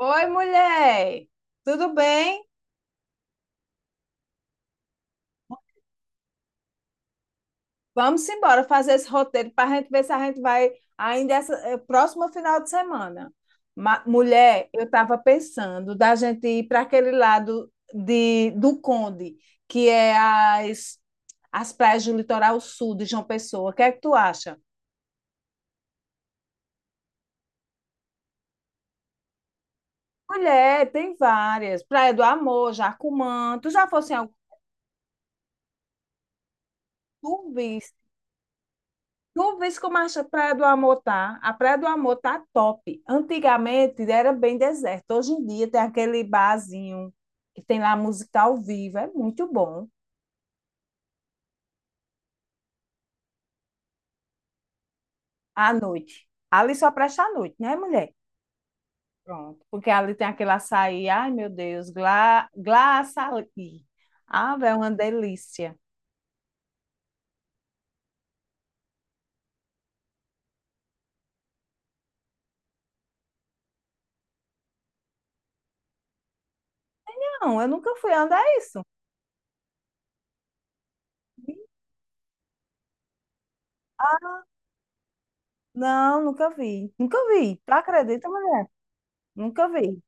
Oi, mulher! Tudo bem? Vamos embora fazer esse roteiro para a gente ver se a gente vai ainda essa, próximo final de semana. Mulher, eu estava pensando da gente ir para aquele lado do Conde, que é as praias do litoral sul de João Pessoa. O que é que tu acha? Mulher, tem várias. Praia do Amor, Jacumã. Tu já fosse em algum? Tu viste? Tu vês como acha a Praia do Amor tá? A Praia do Amor tá top. Antigamente era bem deserto. Hoje em dia tem aquele barzinho que tem lá música ao vivo. É muito bom. À noite. Ali só presta à noite, né, mulher? Pronto. Porque ali tem aquele açaí. Ai, meu Deus. Gla, gla açaí. Ah, velho, é uma delícia. Não, eu nunca fui. Onde é isso? Ah, não, nunca vi. Nunca vi. Tu acredita, mulher? Nunca vi.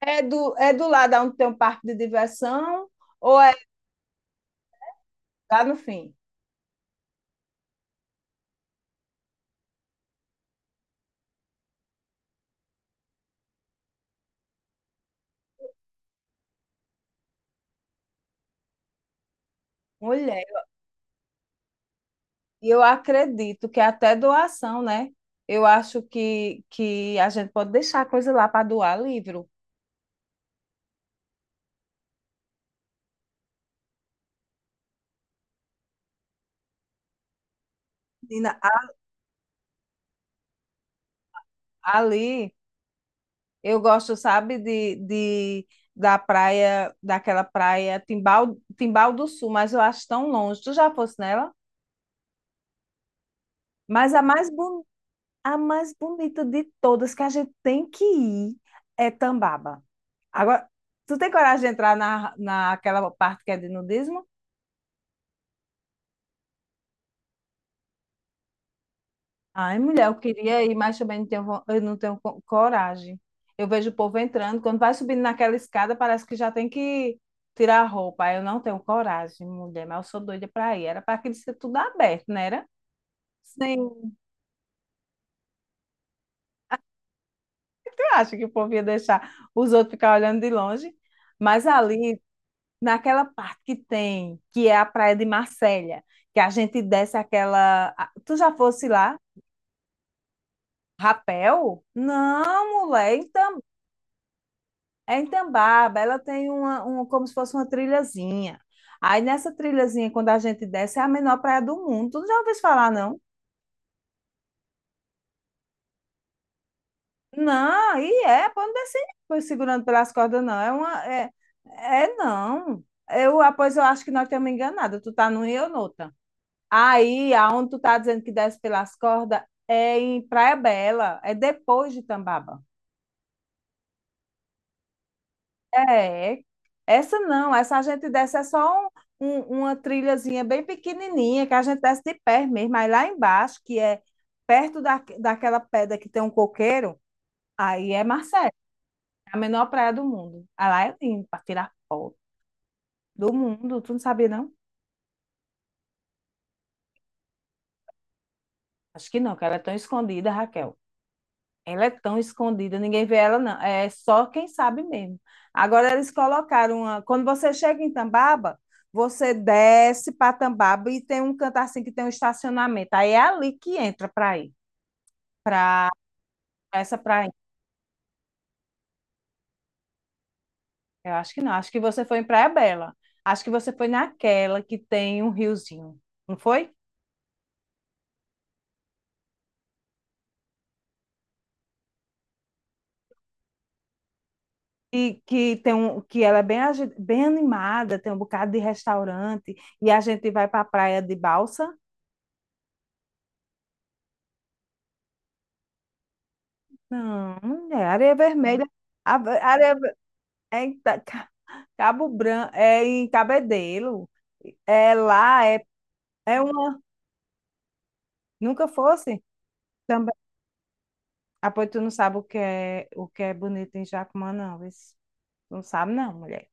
É do lado onde tem um parque de diversão, ou é lá no fim? Mulher, e eu acredito que é até doação, né? Eu acho que a gente pode deixar a coisa lá para doar livro. Menina, ali eu gosto, sabe, de da praia, daquela praia Timbal, Timbal do Sul, mas eu acho tão longe. Tu já fosse nela? Mas a mais, a mais bonita de todas que a gente tem que ir é Tambaba. Agora, tu tem coragem de entrar naquela parte que é de nudismo? Ai, mulher, eu queria ir, mas também não tenho, eu não tenho coragem. Eu vejo o povo entrando, quando vai subindo naquela escada, parece que já tem que tirar a roupa. Aí eu não tenho coragem, mulher, mas eu sou doida para ir. Era para aquilo ser tudo aberto, não era? Sim, tu acha que o povo ia deixar os outros ficar olhando de longe? Mas ali, naquela parte que tem, que é a Praia de Marselha, que a gente desce aquela. Tu já fosse lá? Rapel? Não, mulher, é em é em Tambaba. Ela tem um, como se fosse uma trilhazinha. Aí nessa trilhazinha, quando a gente desce, é a menor praia do mundo. Tu não já ouviu falar, não? Não, e é, pode não descer pois, segurando pelas cordas, não. É uma. É, é não. Eu, ah, pois eu acho que nós estamos enganados. Tu tá num e eu noutra. Aí, aonde tu tá dizendo que desce pelas cordas, é em Praia Bela. É depois de Tambaba. É, essa não, essa a gente desce é só uma trilhazinha bem pequenininha, que a gente desce de pé mesmo, aí lá embaixo, que é perto daquela pedra que tem um coqueiro, aí é Marcelo, é a menor praia do mundo. Aí lá é lindo, para tirar foto do mundo, tu não sabia não? Acho que não, que ela é tão escondida, Raquel. Ela é tão escondida, ninguém vê ela, não. É só quem sabe mesmo. Agora eles colocaram uma. Quando você chega em Tambaba, você desce para Tambaba e tem um canto assim que tem um estacionamento. Aí é ali que entra para ir, para essa praia. Eu acho que não. Acho que você foi em Praia Bela. Acho que você foi naquela que tem um riozinho, não foi? E que tem um, que ela é bem, bem animada, tem um bocado de restaurante, e a gente vai para a praia de balsa. Não, mulher, areia vermelha. Areia, é em Cabo Branco, é em Cabedelo. É lá, é, é uma. Nunca fosse. Também. Ah, pois tu não sabe o que é bonito em Jacumã, não. vê se- Não sabe, não, mulher.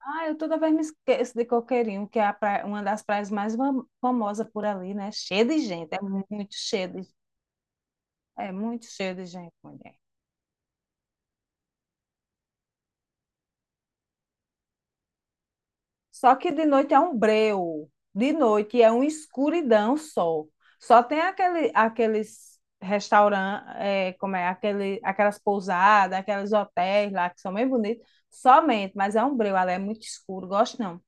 Ah, eu toda vez me esqueço de Coqueirinho, que é a uma das praias mais famosas por ali, né? Cheia de gente, é muito cheia de gente, mulher. Só que de noite é um breu. De noite é uma escuridão só. Só tem aqueles restaurantes, como é, aquelas pousadas, aqueles hotéis lá que são bem bonitos. Somente, mas é um breu, ela é muito escuro, gosto não.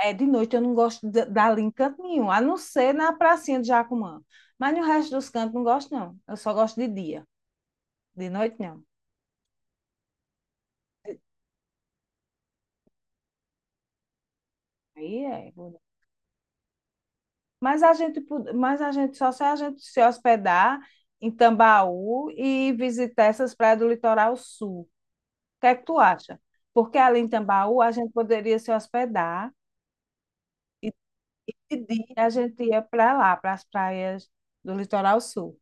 É, de noite eu não gosto dali em canto nenhum, a não ser na pracinha de Jacumã. Mas no resto dos cantos não gosto, não. Eu só gosto de dia. De noite, não. Aí é. Mas a gente, mas a gente só se a gente se hospedar em Tambaú e visitar essas praias do litoral sul. O que é que tu acha? Porque ali em Tambaú a gente poderia se hospedar e dia a gente ia para lá, para as praias do litoral sul.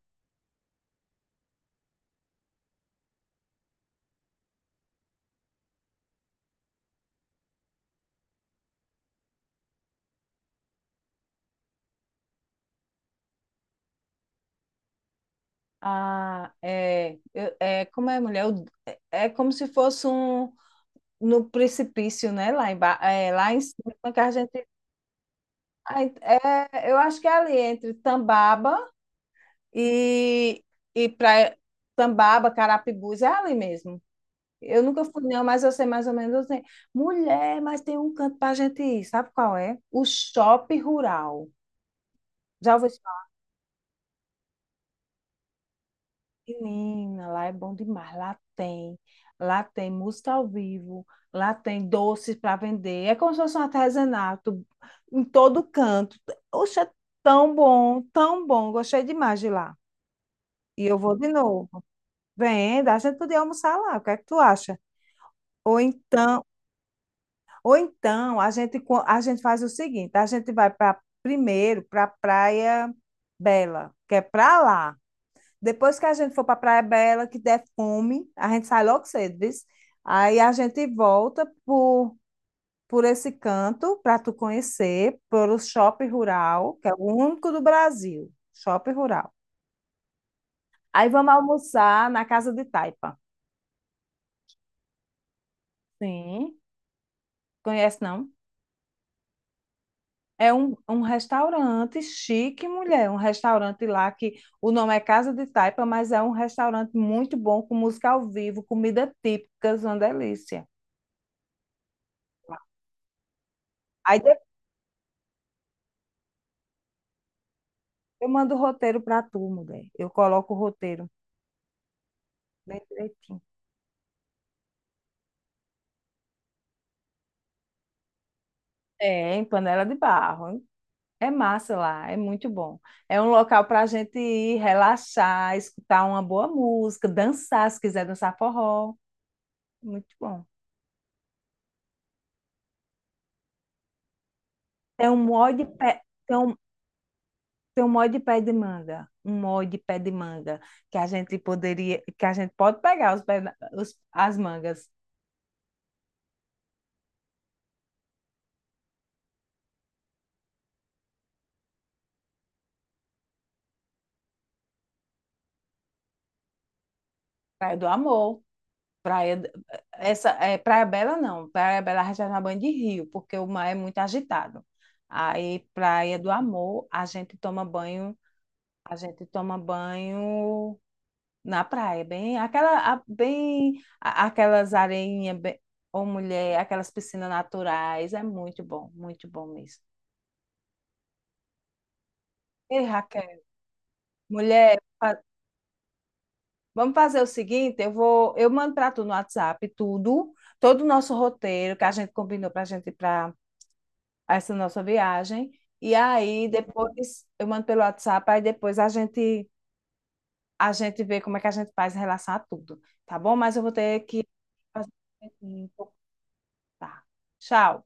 Ah, é, é como é, mulher? É, é como se fosse um no precipício, né? Lá em, é, lá em cima que a gente. Ah, é, eu acho que é ali entre Tambaba E, e para Tambaba, Carapibus, é ali mesmo. Eu nunca fui, não, mas eu sei mais ou menos. Eu sei. Mulher, mas tem um canto pra gente ir, sabe qual é? O Shopping Rural. Já ouviu falar? Menina, lá é bom demais, lá tem. Lá tem música ao vivo, lá tem doces para vender. É como se fosse um artesanato em todo canto. Oxe, é tão bom, tão bom. Gostei demais de lá. E eu vou de novo. Vem, dá, a gente podia almoçar lá. O que é que tu acha? Ou então, ou então a gente faz o seguinte: a gente vai para primeiro para Praia Bela, que é para lá. Depois que a gente for para Praia Bela, que der fome, a gente sai logo cedo, viu? Aí a gente volta por esse canto para tu conhecer, pelo shopping rural, que é o único do Brasil, shopping rural. Aí vamos almoçar na Casa de Taipa. Sim, conhece não? É um restaurante chique, mulher. Um restaurante lá que o nome é Casa de Taipa, mas é um restaurante muito bom, com música ao vivo, comida típica, uma delícia. Aí depois eu mando o roteiro para tu, mulher. Eu coloco o roteiro bem direitinho. É, em Panela de Barro. Hein? É massa lá, é muito bom. É um local para a gente ir relaxar, escutar uma boa música, dançar, se quiser dançar forró. Muito bom. Tem um monte de, pe... Tem um Tem um molde de pé de manga, um molde de pé de manga que a gente poderia, que a gente pode pegar as mangas. Praia do Amor, praia d- essa é Praia Bela não, Praia Bela a gente vai tomar banho de rio, porque o mar é muito agitado. Aí Praia do Amor, a gente toma banho na praia, bem aquelas areinhas, bem, ou mulher, aquelas piscinas naturais, é muito bom mesmo. Ei, Raquel, mulher, vamos fazer o seguinte, eu mando para tu no WhatsApp tudo, todo o nosso roteiro que a gente combinou para a gente ir para essa nossa viagem. E aí depois eu mando pelo WhatsApp, aí depois a gente vê como é que a gente faz em relação a tudo, tá bom? Mas eu vou ter que fazer um pouco, tá. Tchau.